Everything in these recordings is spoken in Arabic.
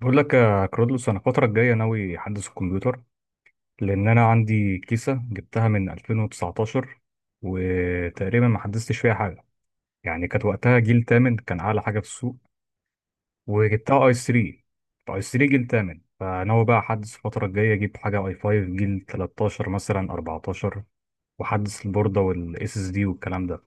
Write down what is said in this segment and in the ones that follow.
بقول لك يا كرودلوس، انا الفتره الجايه ناوي احدث الكمبيوتر، لان انا عندي كيسه جبتها من 2019، وتقريبا ما حدثتش فيها حاجه. يعني كانت وقتها جيل تامن، كان اعلى حاجه في السوق. وجبتها اي 3، اي 3 جيل تامن، فناوي بقى احدث الفتره الجايه، اجيب حاجه اي 5 جيل 13 مثلا 14، واحدث البورده والاس اس دي والكلام ده.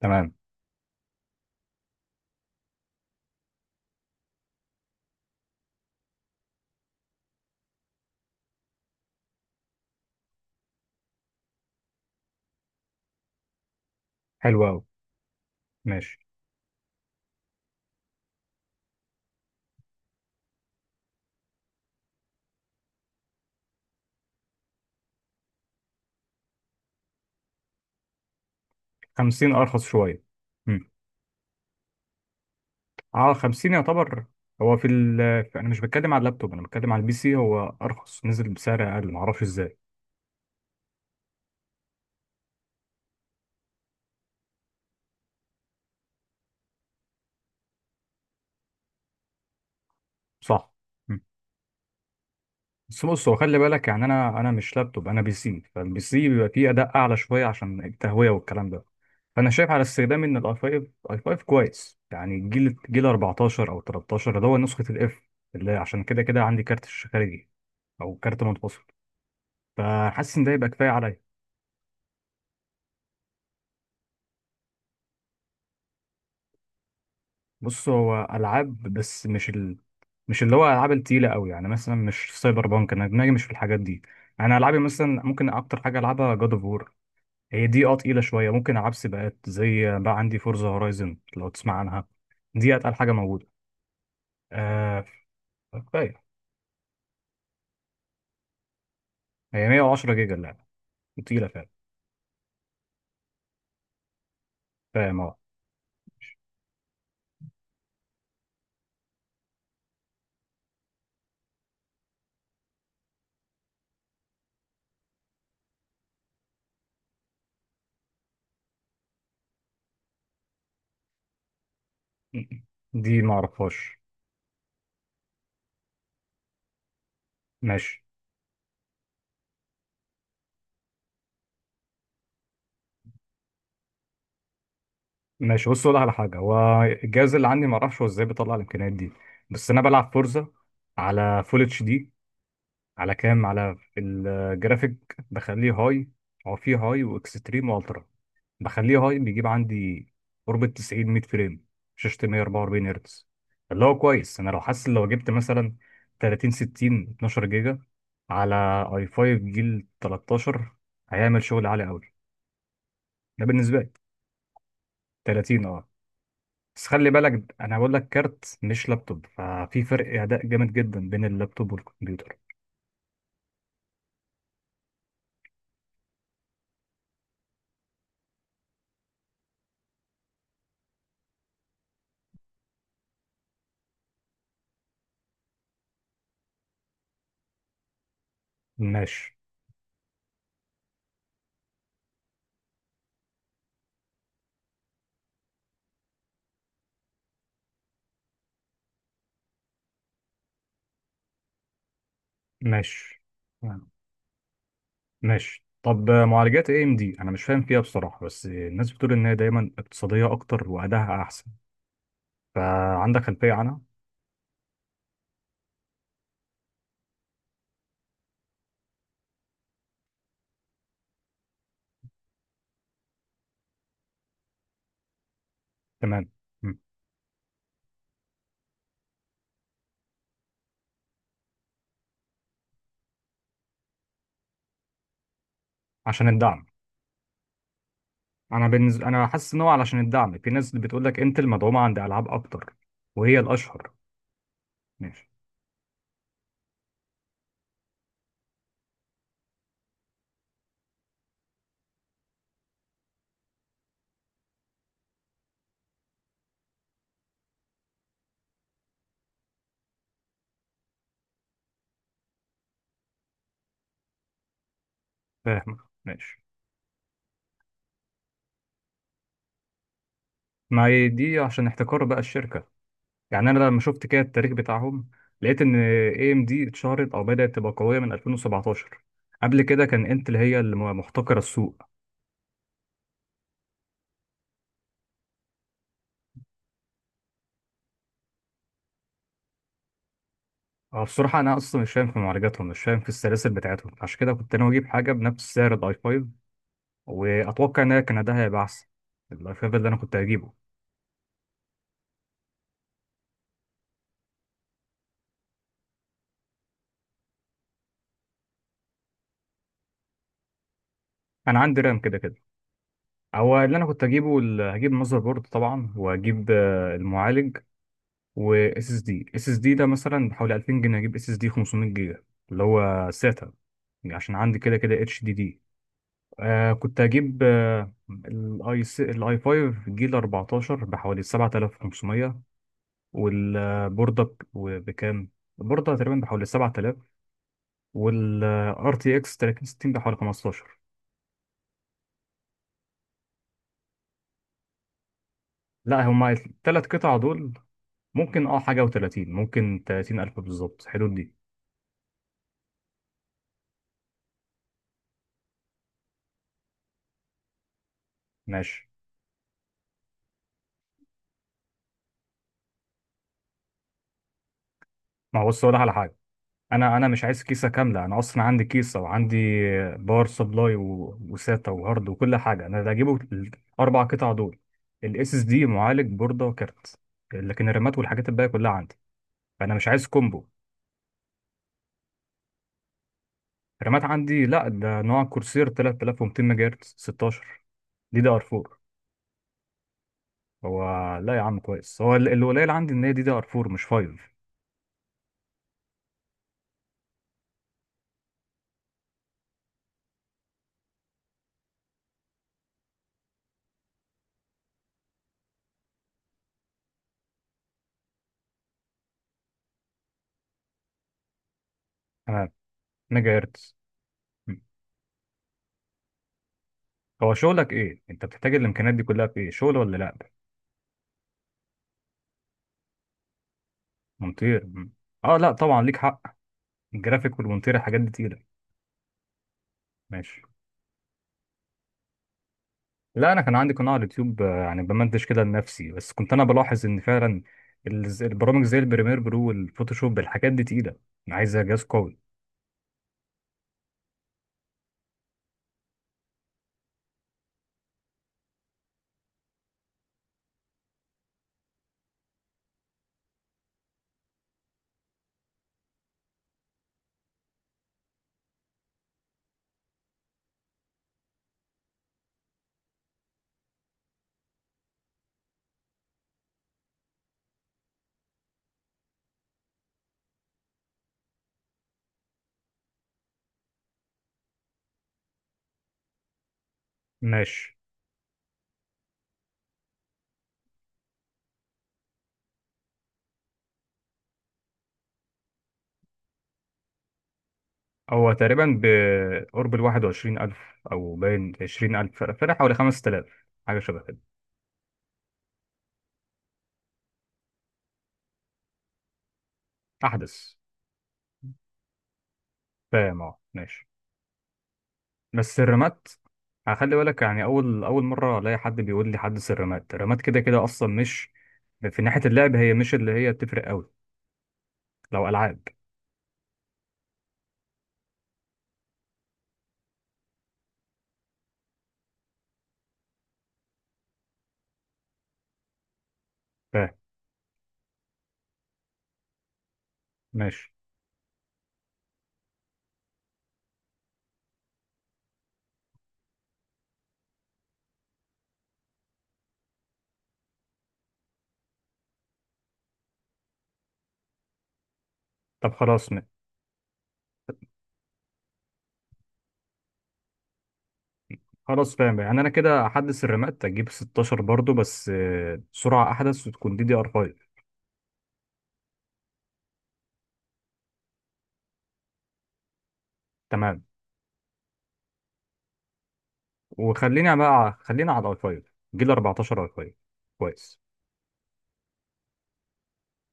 تمام. حلو قوي. ماشي. 50 ارخص شويه. اه، 50 يعتبر. هو في ال انا مش بتكلم على اللابتوب، انا بتكلم على البي سي. هو ارخص، نزل بسعر اقل، معرفش ازاي. صح. مم. بس بص، هو خلي بالك يعني، انا مش لابتوب، انا بي سي، فالبي سي بيبقى فيه اداء اعلى شويه عشان التهويه والكلام ده. فانا شايف على استخدام ان الاي 5، اي 5 كويس، يعني جيل 14 او 13، اللي هو نسخه الاف، اللي عشان كده كده عندي كارت شاشة خارجي، او كارت منفصل. فحاسس ان ده يبقى كفايه عليا. بص هو العاب بس مش اللي هو العاب التقيله قوي، يعني مثلا مش سايبر بانك، انا دماغي مش في الحاجات دي. انا العابي مثلا، ممكن اكتر حاجه العبها جاد اوف وور، هي دي تقيله شويه. ممكن العب سباقات، زي بقى عندي فورزا هورايزن، لو تسمع عنها، دي اتقل حاجه موجوده. آه. كفايه. هي 110 جيجا اللعبه، تقيله فعلا. فاهم، اه. دي ما اعرفهاش. ماشي. ماشي. بص، اقول على حاجه، هو الجهاز اللي عندي ما اعرفش هو ازاي بيطلع الامكانيات دي. بس انا بلعب فورزا على فول اتش دي، على كام على في الجرافيك بخليه هاي. هو فيه هاي واكستريم والترا، بخليه هاي، بيجيب عندي قرب ال 90 100 فريم. شاشة 144 هرتز، اللي هو كويس. انا لو حاسس، لو جبت مثلا 30 60 12 جيجا على اي 5 جيل 13، هيعمل شغل عالي قوي، ده بالنسبة لي. 30، اه. بس خلي بالك، انا بقول لك كارت مش لابتوب، ففي فرق اداء جامد جدا بين اللابتوب والكمبيوتر. ماشي. ماشي. ماشي. طب معالجات اي ام دي، انا مش فاهم فيها بصراحه، بس الناس بتقول ان هي دايما اقتصاديه اكتر، وادائها احسن. فعندك خلفيه عنها؟ تمام. مم. عشان الدعم. انا بالنسبه، انا حاسس ان هو علشان الدعم، في ناس بتقول لك انتل مدعومه عند العاب اكتر، وهي الاشهر. ماشي. فاهم. ماشي. ما هي دي عشان احتكار بقى الشركه، يعني انا لما شفت كده التاريخ بتاعهم، لقيت ان اي ام دي اتشهرت او بدات تبقى قويه من 2017. قبل كده كان انتل هي اللي محتكره السوق. هو بصراحة أنا أصلا مش فاهم في معالجاتهم، مش فاهم في السلاسل بتاعتهم، عشان كده كنت ناوي أجيب حاجة بنفس سعر الأي 5، وأتوقع إن هي كان ده هيبقى أحسن. الأي 5 اللي أنا كنت هجيبه. أنا عندي رام كده كده. هو اللي أنا كنت هجيبه هجيب ماذر بورد طبعا، وهجيب المعالج، و اس اس دي اس اس دي ده، مثلا بحوالي 2000 جنيه، هجيب اس اس دي 500 جيجا، اللي هو ساتا، عشان عندي كده كده اتش دي دي. كنت هجيب الاي 5 جيل 14 بحوالي 7500، والبوردة بكام؟ البوردة تقريبا بحوالي 7000، والار تي اكس 3060 بحوالي 15. لا، هما الثلاث قطع دول ممكن اه حاجة و30، ممكن 30000 بالظبط، حدود دي. ماشي. ما هو بص، أقول لك على حاجة، انا مش عايز كيسة كاملة، انا اصلا عندي كيسة، وعندي باور سبلاي وساتا وهارد وكل حاجة، انا اللي هجيبه الاربع قطع دول، الاس اس دي، معالج، بوردة، وكارت. لكن الرامات والحاجات الباقية كلها عندي، فانا مش عايز كومبو. رامات عندي، لا ده نوع كورسير 3200 ميجا هرتز 16، دي دي ار 4. هو، لا يا عم، كويس. هو اللي قليل عندي ان هي دي دي ار 4 مش 5. تمام. ميجا هرتز. مم. هو شغلك ايه؟ انت بتحتاج الامكانيات دي كلها في ايه، شغل ولا لا؟ مونتير. مم. اه، لا طبعا ليك حق، الجرافيك والمونتير الحاجات دي تقيله. ماشي. لا، انا كان عندي قناه على اليوتيوب، يعني بمنتج كده لنفسي، بس كنت انا بلاحظ ان فعلا البرامج زي البريمير برو والفوتوشوب، الحاجات دي تقيله، عايزه جهاز قوي. ماشي. هو تقريبا بقرب ال 21000، أو باين 20000، فرق حوالي 5000، حاجة شبه كده. أحدث. فاهم، أه. ماشي. بس الرمات هخلي بالك، يعني أول أول مرة ألاقي حد بيقول لي حدث الرمات. الرمات كده كده أصلا مش في ناحية اللعب، هي مش اللي هي بتفرق أوي لو ألعاب. فاهم. ماشي. طب خلاص خلاص فاهم. يعني أنا كده أحدث الرمات، أجيب 16 برضو، بس سرعة أحدث وتكون دي دي ار 5. تمام. وخلينا بقى خلينا على الاي 5 جيل 14، اي 5 كويس.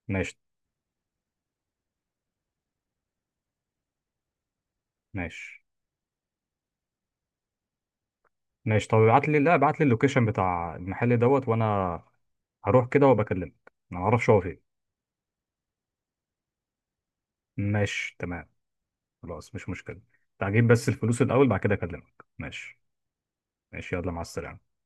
ماشي. ماشي. ماشي. طب ابعت لي لا، ابعت لي اللوكيشن بتاع المحل دوت، وانا هروح كده وبكلمك، انا ما اعرفش هو فين. ماشي تمام. خلاص، مش مشكلة. تعجيب بس الفلوس الاول، بعد كده اكلمك. ماشي. ماشي يلا، مع السلامة.